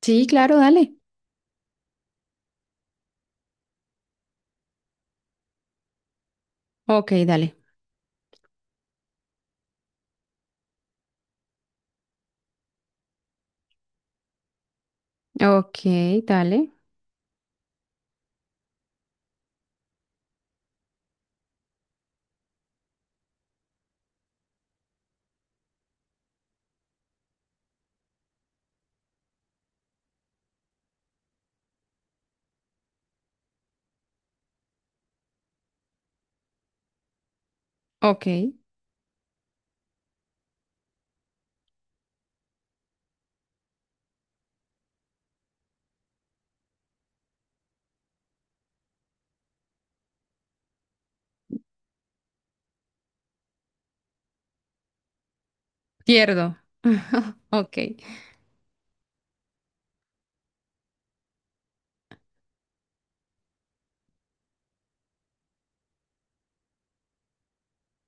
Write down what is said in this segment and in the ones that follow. Sí, claro, dale. Ok, dale. Ok, dale. Ok. Pierdo. Ok.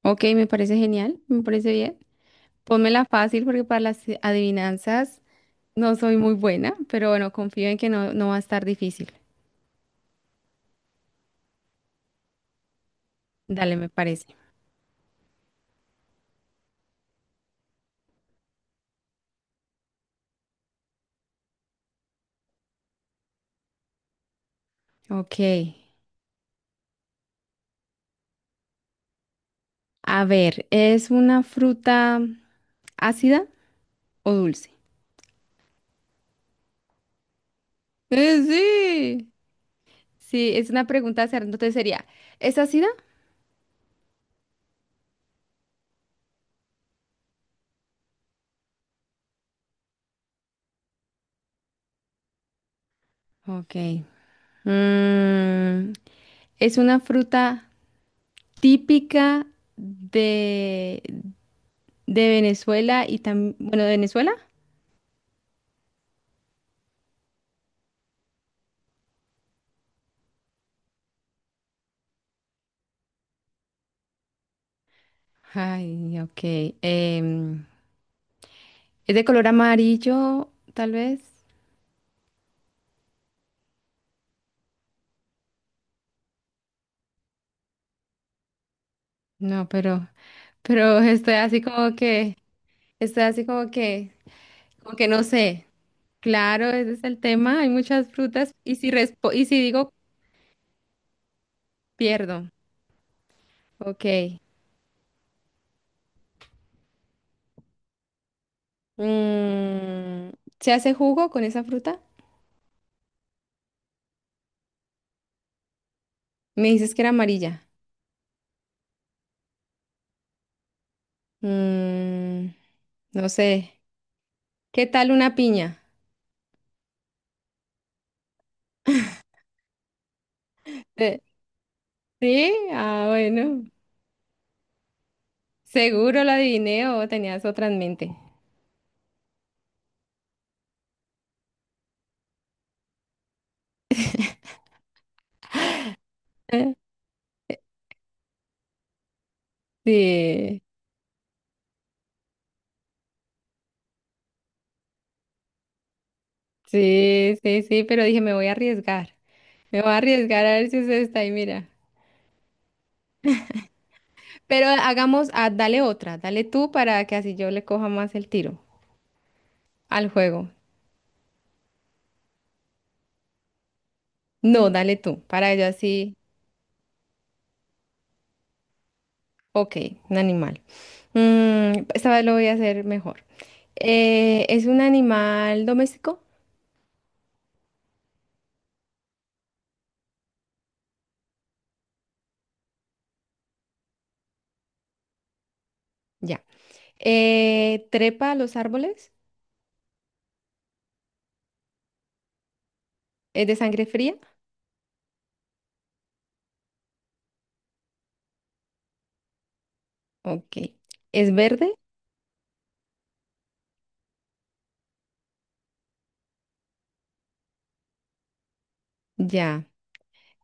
Ok, me parece genial. Me parece bien. Pónmela fácil porque para las adivinanzas no soy muy buena, pero bueno, confío en que no, no va a estar difícil. Dale, me parece. Ok. A ver, ¿es una fruta ácida o dulce? Sí. Sí, es una pregunta cerrada. Entonces sería, ¿es ácida? Ok. Mm, ¿es una fruta típica de, de Venezuela y también, bueno, de Venezuela? Ay, ok. em, es de color amarillo, tal vez. No, pero estoy así como que, estoy así como que no sé. Claro, ese es el tema. Hay muchas frutas y y si digo, pierdo. Ok. Mm, ¿se hace jugo con esa fruta? Me dices que era amarilla. Mm, no sé. ¿Qué tal una piña? Eh, ¿Sí? Ah, bueno. Seguro la adiviné o tenías otra en mente. Eh, Sí, sí, pero dije, me voy a arriesgar. Me voy a arriesgar a ver si usted está ahí, mira. Pero hagamos, ah, dale otra, dale tú para que así yo le coja más el tiro al juego. No, dale tú, para yo así, ok, un animal. Mm, esta vez lo voy a hacer mejor. ¿Es un animal doméstico? Ya. ¿Trepa a los árboles? ¿Es de sangre fría? Ok. ¿Es verde? Ya.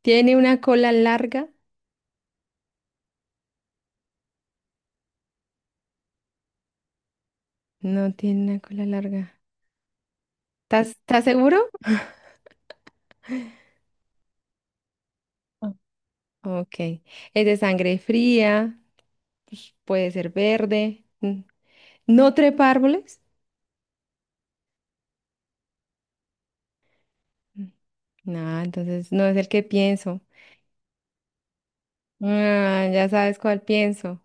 ¿Tiene una cola larga? No tiene una cola larga. ¿Estás seguro? No. Ok. ¿Es de sangre fría? Pues puede ser verde. Mm. ¿No trepa árboles? Mm. No, entonces no es el que pienso. Ah, ya sabes cuál pienso.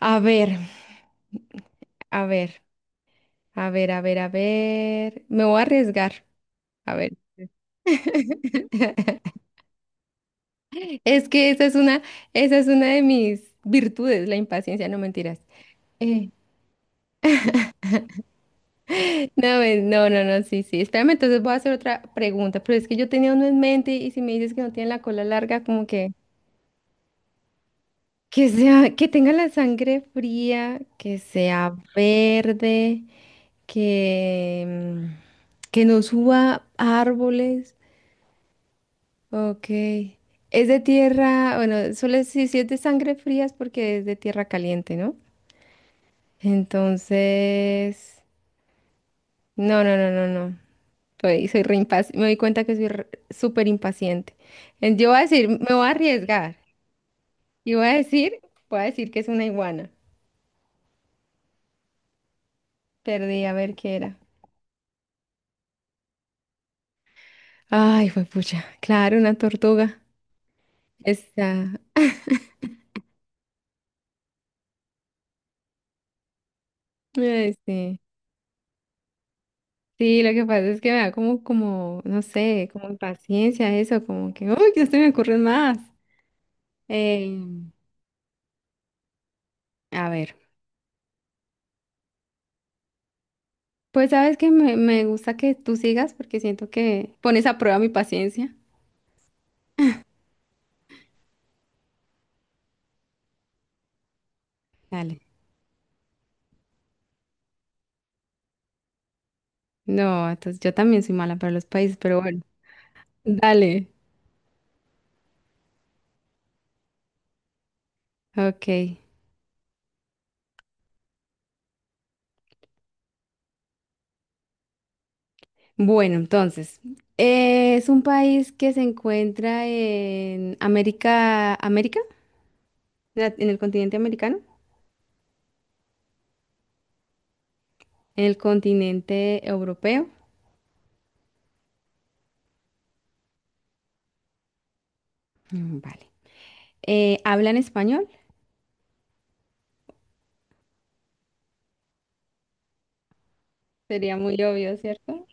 A ver, a ver, a ver. Me voy a arriesgar. A ver. Es que esa es una de mis virtudes, la impaciencia, no mentiras. Eh, no, sí, sí. Espérame, entonces voy a hacer otra pregunta, pero es que yo tenía uno en mente y si me dices que no tiene la cola larga, como que sea, que tenga la sangre fría, que sea verde, que, que no suba a árboles. Ok. Es de tierra, bueno, solo si, si es de sangre fría es porque es de tierra caliente, ¿no? Entonces, no, no. Soy, soy me doy cuenta que soy súper impaciente. Yo voy a decir, me voy a arriesgar. Y voy a decir que es una iguana. Perdí, a ver qué era. Ay, fue pucha. Claro, una tortuga. Esta. Ay, sí. Sí, lo que pasa es que me da como, como, no sé, como impaciencia eso, como que, uy, ya se me ocurren más. Em, a ver. Pues sabes que me gusta que tú sigas porque siento que pones a prueba mi paciencia. Dale. No, entonces yo también soy mala para los países, pero bueno, dale. Ok. Bueno, entonces, es un país que se encuentra en en el continente americano, en el continente europeo. Mm, vale. ¿Hablan español? Sería muy obvio, ¿cierto?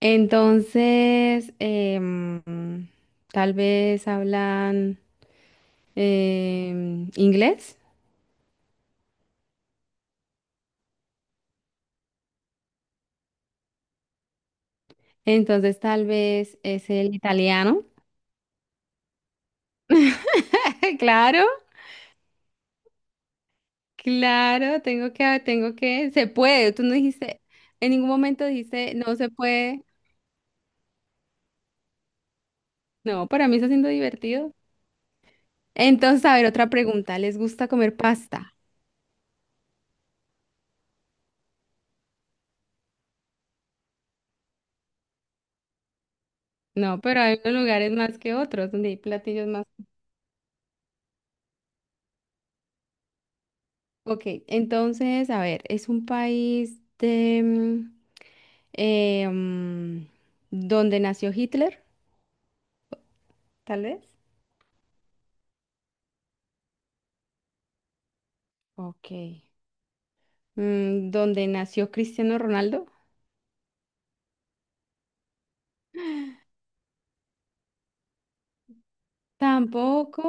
Entonces, tal vez hablan inglés, entonces tal vez es el italiano. Claro, claro, tengo que, se puede. Tú no dijiste, en ningún momento dijiste, no se puede. No, para mí está siendo divertido. Entonces, a ver, otra pregunta. ¿Les gusta comer pasta? No, pero hay unos lugares más que otros donde hay platillos más. Ok, entonces, a ver, es un país de eh, mm, donde nació Hitler, tal vez. Ok. Mm, ¿donde nació Cristiano Ronaldo? Tampoco.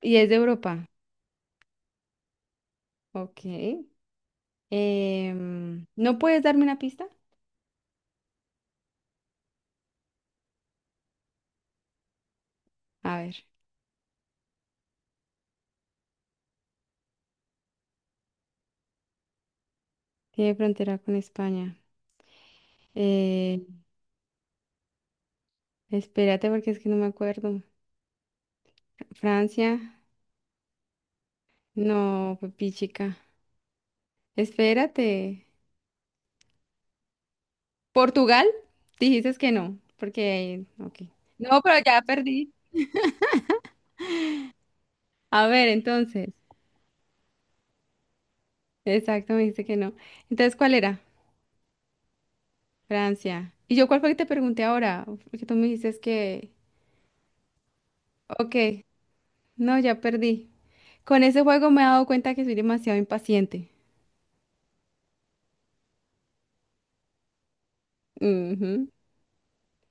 Y es de Europa. Ok. ¿No puedes darme una pista? A ver, tiene frontera con España. Eh, Espérate porque es que no me acuerdo. Francia, no, papi chica. Espérate. Portugal, dijiste que no, porque, ok. No, pero ya perdí. A ver, entonces, exacto, me dijiste que no. Entonces, ¿cuál era? Francia. ¿Y yo cuál fue que te pregunté ahora? Porque tú me dices que, ok, no, ya perdí. Con ese juego me he dado cuenta que soy demasiado impaciente. Ujú.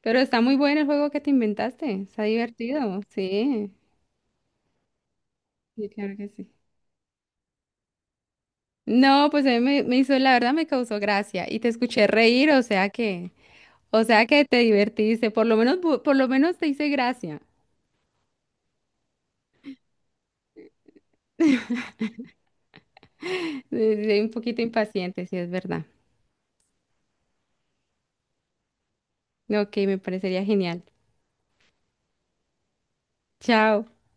Pero está muy bueno el juego que te inventaste. Está divertido. Sí, sí, claro que sí. No, pues a mí me, me hizo, la verdad me causó gracia y te escuché reír, o sea que te divertiste, por lo menos, por lo menos te hice gracia. Soy un poquito impaciente, sí es verdad. Ok, me parecería genial. Chao.